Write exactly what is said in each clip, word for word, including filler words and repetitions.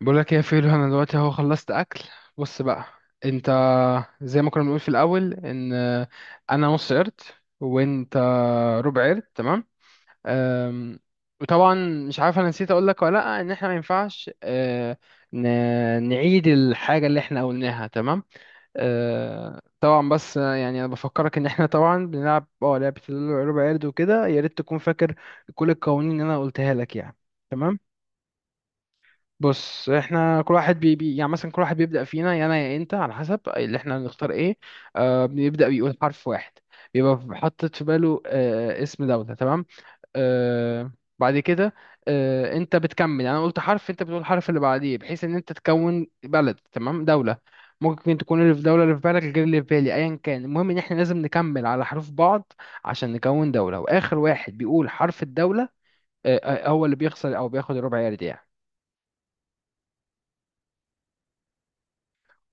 بقول لك ايه يا فيلو؟ انا دلوقتي اهو خلصت اكل. بص بقى، انت زي ما كنا بنقول في الاول ان انا نص قرد وانت ربع قرد، تمام؟ أم، وطبعا مش عارف انا نسيت اقول لك ولا لا ان احنا ما ينفعش، أه، ن- نعيد الحاجه اللي احنا قلناها، تمام؟ أه، طبعا بس يعني انا بفكرك ان احنا طبعا بنلعب اه لعبه الربع قرد وكده، يا ريت تكون فاكر كل القوانين اللي انا قلتها لك يعني. تمام، بص احنا كل واحد بي بي يعني، مثلا كل واحد بيبدأ فينا، يا انا يا انت، على حسب اللي احنا هنختار ايه. آه بيبدأ بيقول حرف واحد، بيبقى حاطط في باله آه اسم دولة، تمام؟ آه بعد كده آه انت بتكمل، يعني انا قلت حرف انت بتقول الحرف اللي بعديه، بحيث ان انت تكون بلد، تمام، دولة. ممكن تكون اللي في دولة اللي في بالك غير اللي في بالي، ايا كان، المهم ان احنا لازم نكمل على حروف بعض عشان نكون دولة. واخر واحد بيقول حرف الدولة آه آه، هو اللي بيخسر او بياخد الربع يارد يعني.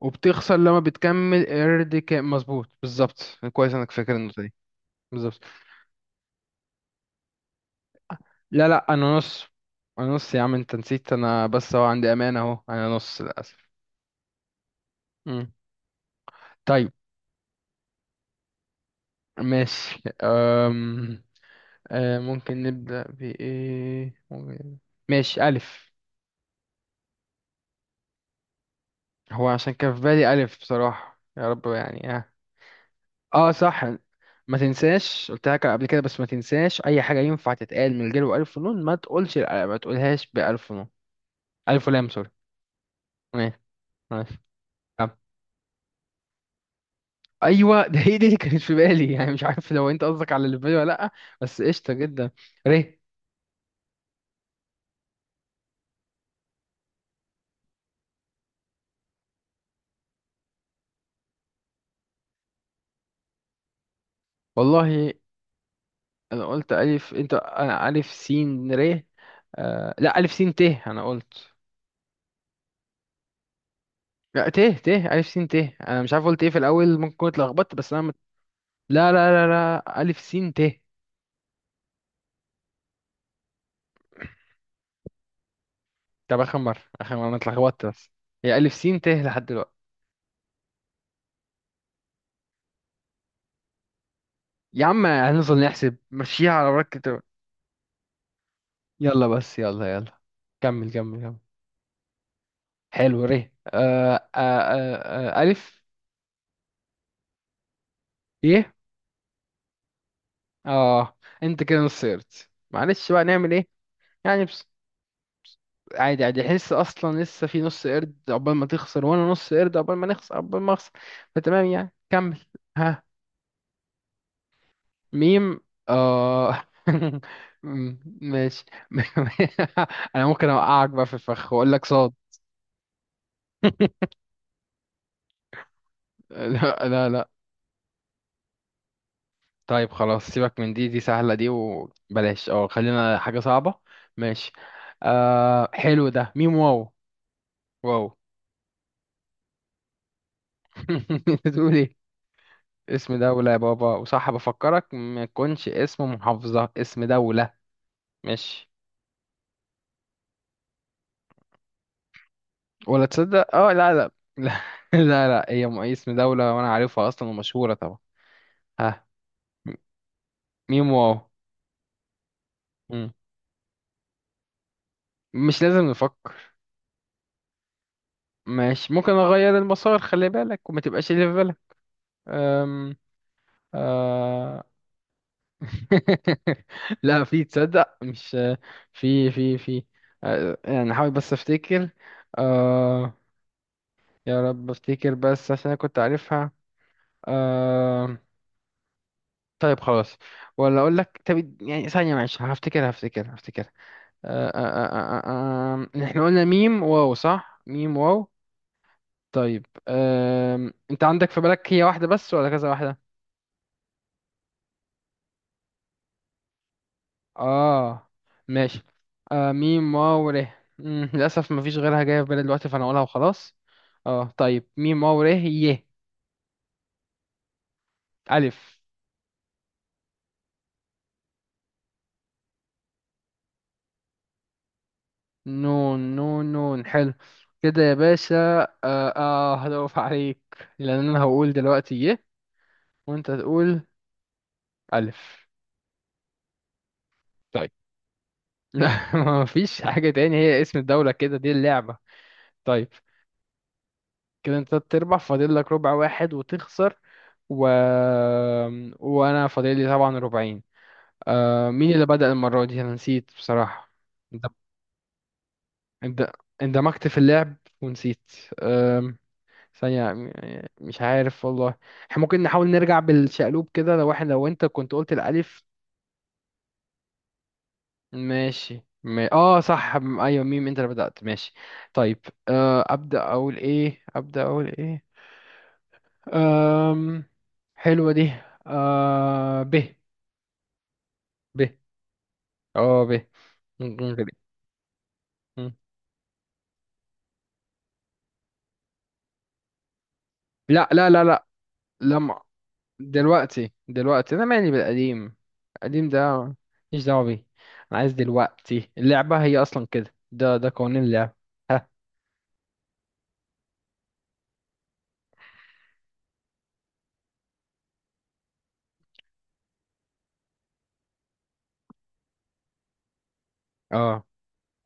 وبتخسر لما بتكمل قرد كامل، مظبوط، بالظبط. كويس انك فاكر النقطة دي. بالظبط. لا لا، انا نص. انا نص يا عم، انت نسيت. انا بس هو عندي امانة اهو، انا نص للاسف. مم. طيب، ماشي. أم... أه ممكن نبدأ بإيه؟ ممكن... ماشي، ألف. هو عشان كان في بالي ألف بصراحة، يا رب يعني اه اه صح، ما تنساش، قلت لك قبل كده بس ما تنساش. أي حاجة ينفع تتقال من غير ألف ونون، ما تقولش، ما تقولهاش بألف ونون. ألف ولام، سوري. ماشي، ماشي. طب، ايوه، ده هي دي اللي كانت في بالي يعني، مش عارف لو انت قصدك على اللي في بالي ولا لا، بس قشطه جدا. ر. والله انا قلت الف، انت انا الف سين ر. آه... لا، الف سين ت انا قلت. لا، ت ت الف سين ت. انا مش عارف قلت ايه في الاول، ممكن كنت اتلخبطت، بس انا مت... لا لا لا لا، الف سين ت. طب اخر مره، اخر مره انا اتلخبطت بس. هي الف سين ت لحد دلوقتي. يا عم هنفضل نحسب مشيها على بركه. يلا بس، يلا يلا، كمل كمل كمل. حلو، ري، آه آه آه آه ألف. يه. آه أنت كده نص قرد، معلش بقى نعمل إيه؟ يعني بس عادي، عادي، حس أصلا لسه في نص قرد عقبال ما تخسر، وأنا نص قرد عقبال ما نخسر، عقبال ما أخسر. فتمام يعني، كمل. ها. ميم. آه م- ماشي. أنا ممكن أوقعك بقى في الفخ وأقول لك صاد. لا لا لا. طيب خلاص، سيبك من دي دي سهلة دي، وبلاش اه خلينا حاجة صعبة. ماشي. آه حلو، ده ميم واو. واو. بتقول ايه؟ اسم دولة يا بابا، وصح بفكرك ما يكونش اسم محافظة، اسم دولة. ماشي، ولا تصدق، اه لا لا. لا. لا لا، هي م- اسم دولة، وانا عارفها اصلا ومشهورة طبعا. ها. م- ميم واو. مم. مش لازم نفكر. ماشي، ممكن اغير المسار، خلي بالك وما تبقاش اللي في بالك. أم... آه، لا في، تصدق، مش في في في. آه، يعني حاول بس افتكر. آه يا رب افتكر، بس عشان انا كنت عارفها. آه طيب خلاص، ولا اقول لك؟ طب يعني ثانية، معلش، هفتكر هفتكر هفتكر. آه آه آه آه آه آه، احنا قلنا ميم واو صح؟ ميم واو. طيب، آه انت عندك في بالك هي واحدة بس ولا كذا واحدة؟ اه، ماشي. آه ميم واو ر. مم، للأسف مفيش غيرها جاية في بالي دلوقتي، فأنا هقولها وخلاص. اه، طيب، ميم واو ر ي. ألف. نون نون نون، حلو. كده يا باشا اه, آه هدوف عليك، لأن أنا هقول دلوقتي ي وأنت تقول ألف. طيب. لا، مفيش حاجة تاني، هي اسم الدولة كده، دي اللعبة. طيب، كده أنت تربح، فاضل لك ربع واحد وتخسر. و... وأنا فاضل لي طبعا ربعين. آه مين اللي بدأ المرة دي؟ أنا نسيت بصراحة. اند- اند- اندمجت في اللعب ونسيت. آم، ثانية م- مش عارف والله. احنا ممكن نحاول نرجع بالشقلوب كده، لو احنا لو انت كنت قلت الألف. ماشي ما... اه صح، م- ايوه، ميم، انت اللي بدأت، ماشي. طيب، آه أبدأ أقول ايه؟ أبدأ أقول ايه؟ آم... حلوة دي. آه ب. ب. اه، ب. ممكن كده. مم. لا لا لا لا. لمع. دلوقتي، دلوقتي انا مالي بالقديم، القديم ده ماليش دعوه بيه. انا عايز دلوقتي، اللعبه هي اصلا كده، ده ده قوانين اللعبه. ها. اه،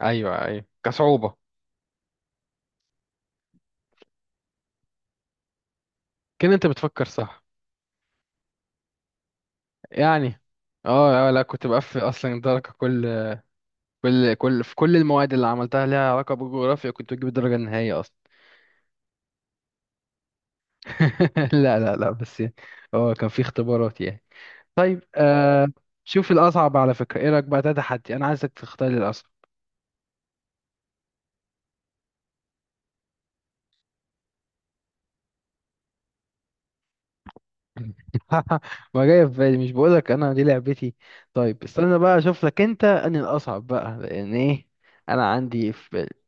ايوه ايوه، كصعوبه، كده انت بتفكر صح. يعني اه، آه، لا كنت بقفل اصلا درجه، كل كل كل في كل المواد اللي عملتها ليها علاقه بالجغرافيا كنت بجيب الدرجه النهائيه اصلا. لا لا لا، بس يعني اه، كان في اختبارات يعني. طيب، آه شوف الاصعب على فكره، ايه رايك؟ بقى ده تحدي، انا عايزك تختار الاصعب. ما جاي في بالي، مش بقولك انا دي لعبتي؟ طيب استنى بقى اشوف لك انت اني الاصعب بقى، لان ايه، انا عندي في بالي.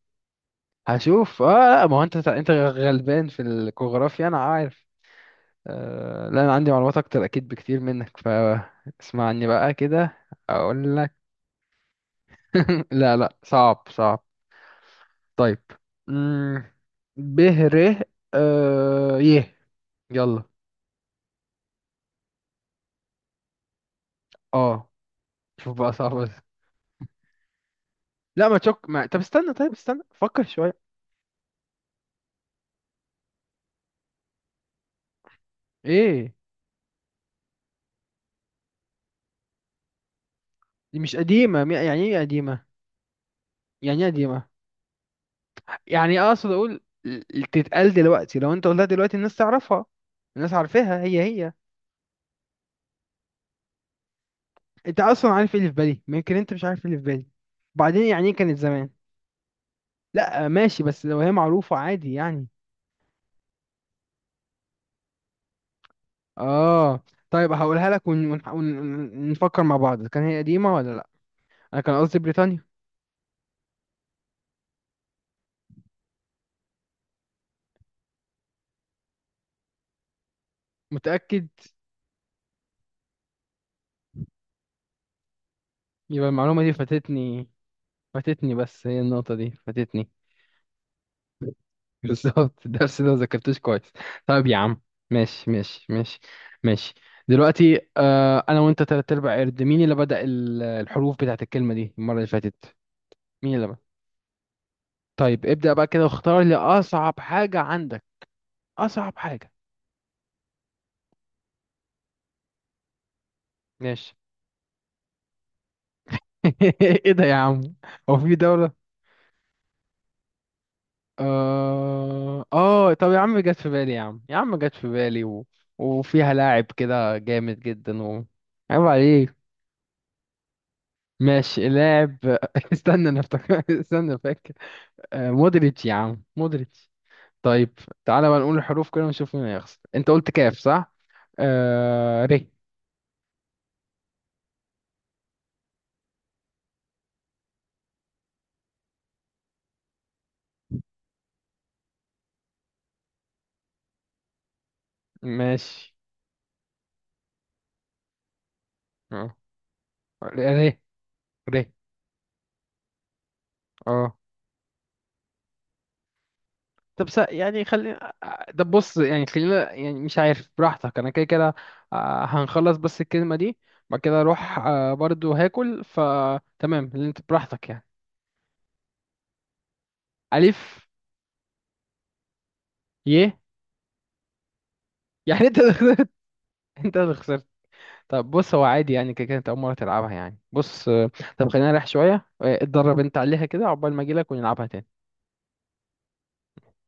هشوف اه لا، ما هو انت انت غلبان في الجغرافيا انا عارف. آه لا انا عندي معلومات اكتر اكيد بكتير منك، فاسمعني بقى كده، اقول لك. لا لا، صعب صعب. طيب، امم ب ر. آه يه. يلا. اه، شوف بقى صعب ولا- لا ما تشك، ما... طب استنى، طيب استنى فكر شوية. ايه، دي مش قديمة، مي- يعني ايه قديمة؟ يعني ايه قديمة؟ يعني اقصد اقول ال- تتقال دلوقتي، لو انت قلتها دلوقتي الناس تعرفها، الناس عارفاها، هي هي. انت اصلا عارف ايه اللي في بالي؟ يمكن انت مش عارف ايه اللي في بالي. بعدين يعني ايه كانت زمان؟ لا ماشي، بس لو هي معروفة عادي يعني. اه، طيب هقولها لك، ون- ون- ون- ونفكر مع بعض، كان هي قديمة ولا لا. انا كان قصدي بريطانيا. متأكد؟ يبقى المعلومة دي فاتتني. فاتتني، بس هي النقطة دي فاتتني. بالظبط، الدرس ده ما ذاكرتوش كويس. طيب يا عم. ماشي ماشي ماشي. ماشي. دلوقتي، آه انا وانت تلات ارباع قرد، مين اللي بدأ ال- الحروف بتاعت الكلمة دي المرة اللي فاتت؟ مين اللي بدأ؟ طيب، ابدأ بقى كده واختار لي اصعب حاجة عندك، اصعب حاجة. ماشي. ايه ده يا عم؟ هو في دولة؟ اه اه، طب يا عم، جت في بالي يا عم، يا عم جت في بالي، و... وفيها لاعب كده جامد جدا و... عيب عليك. ماشي، لاعب. استنى انا افتكر، استنى فاكر. آه، مودريتش، يا عم مودريتش. طيب، تعالى بقى نقول الحروف كده ونشوف مين هيخسر. انت قلت كاف صح؟ آه ري. ماشي اه. ري. ري. اه. طب س... يعني خلينا، طب بص يعني خلينا، يعني مش عارف، براحتك، انا كده كده، آه، هنخلص بس الكلمة دي، بعد كده اروح آه، برضو هاكل، فتمام اللي انت براحتك يعني. الف. ي. يعني انت اللي خسرت. انت اللي خسرت. طب بص، هو عادي يعني، كده كانت أول مرة تلعبها يعني. بص آه، طب خلينا نريح شوية. آه، اتدرب أنت عليها كده عقبال ما أجيلك ونلعبها تاني.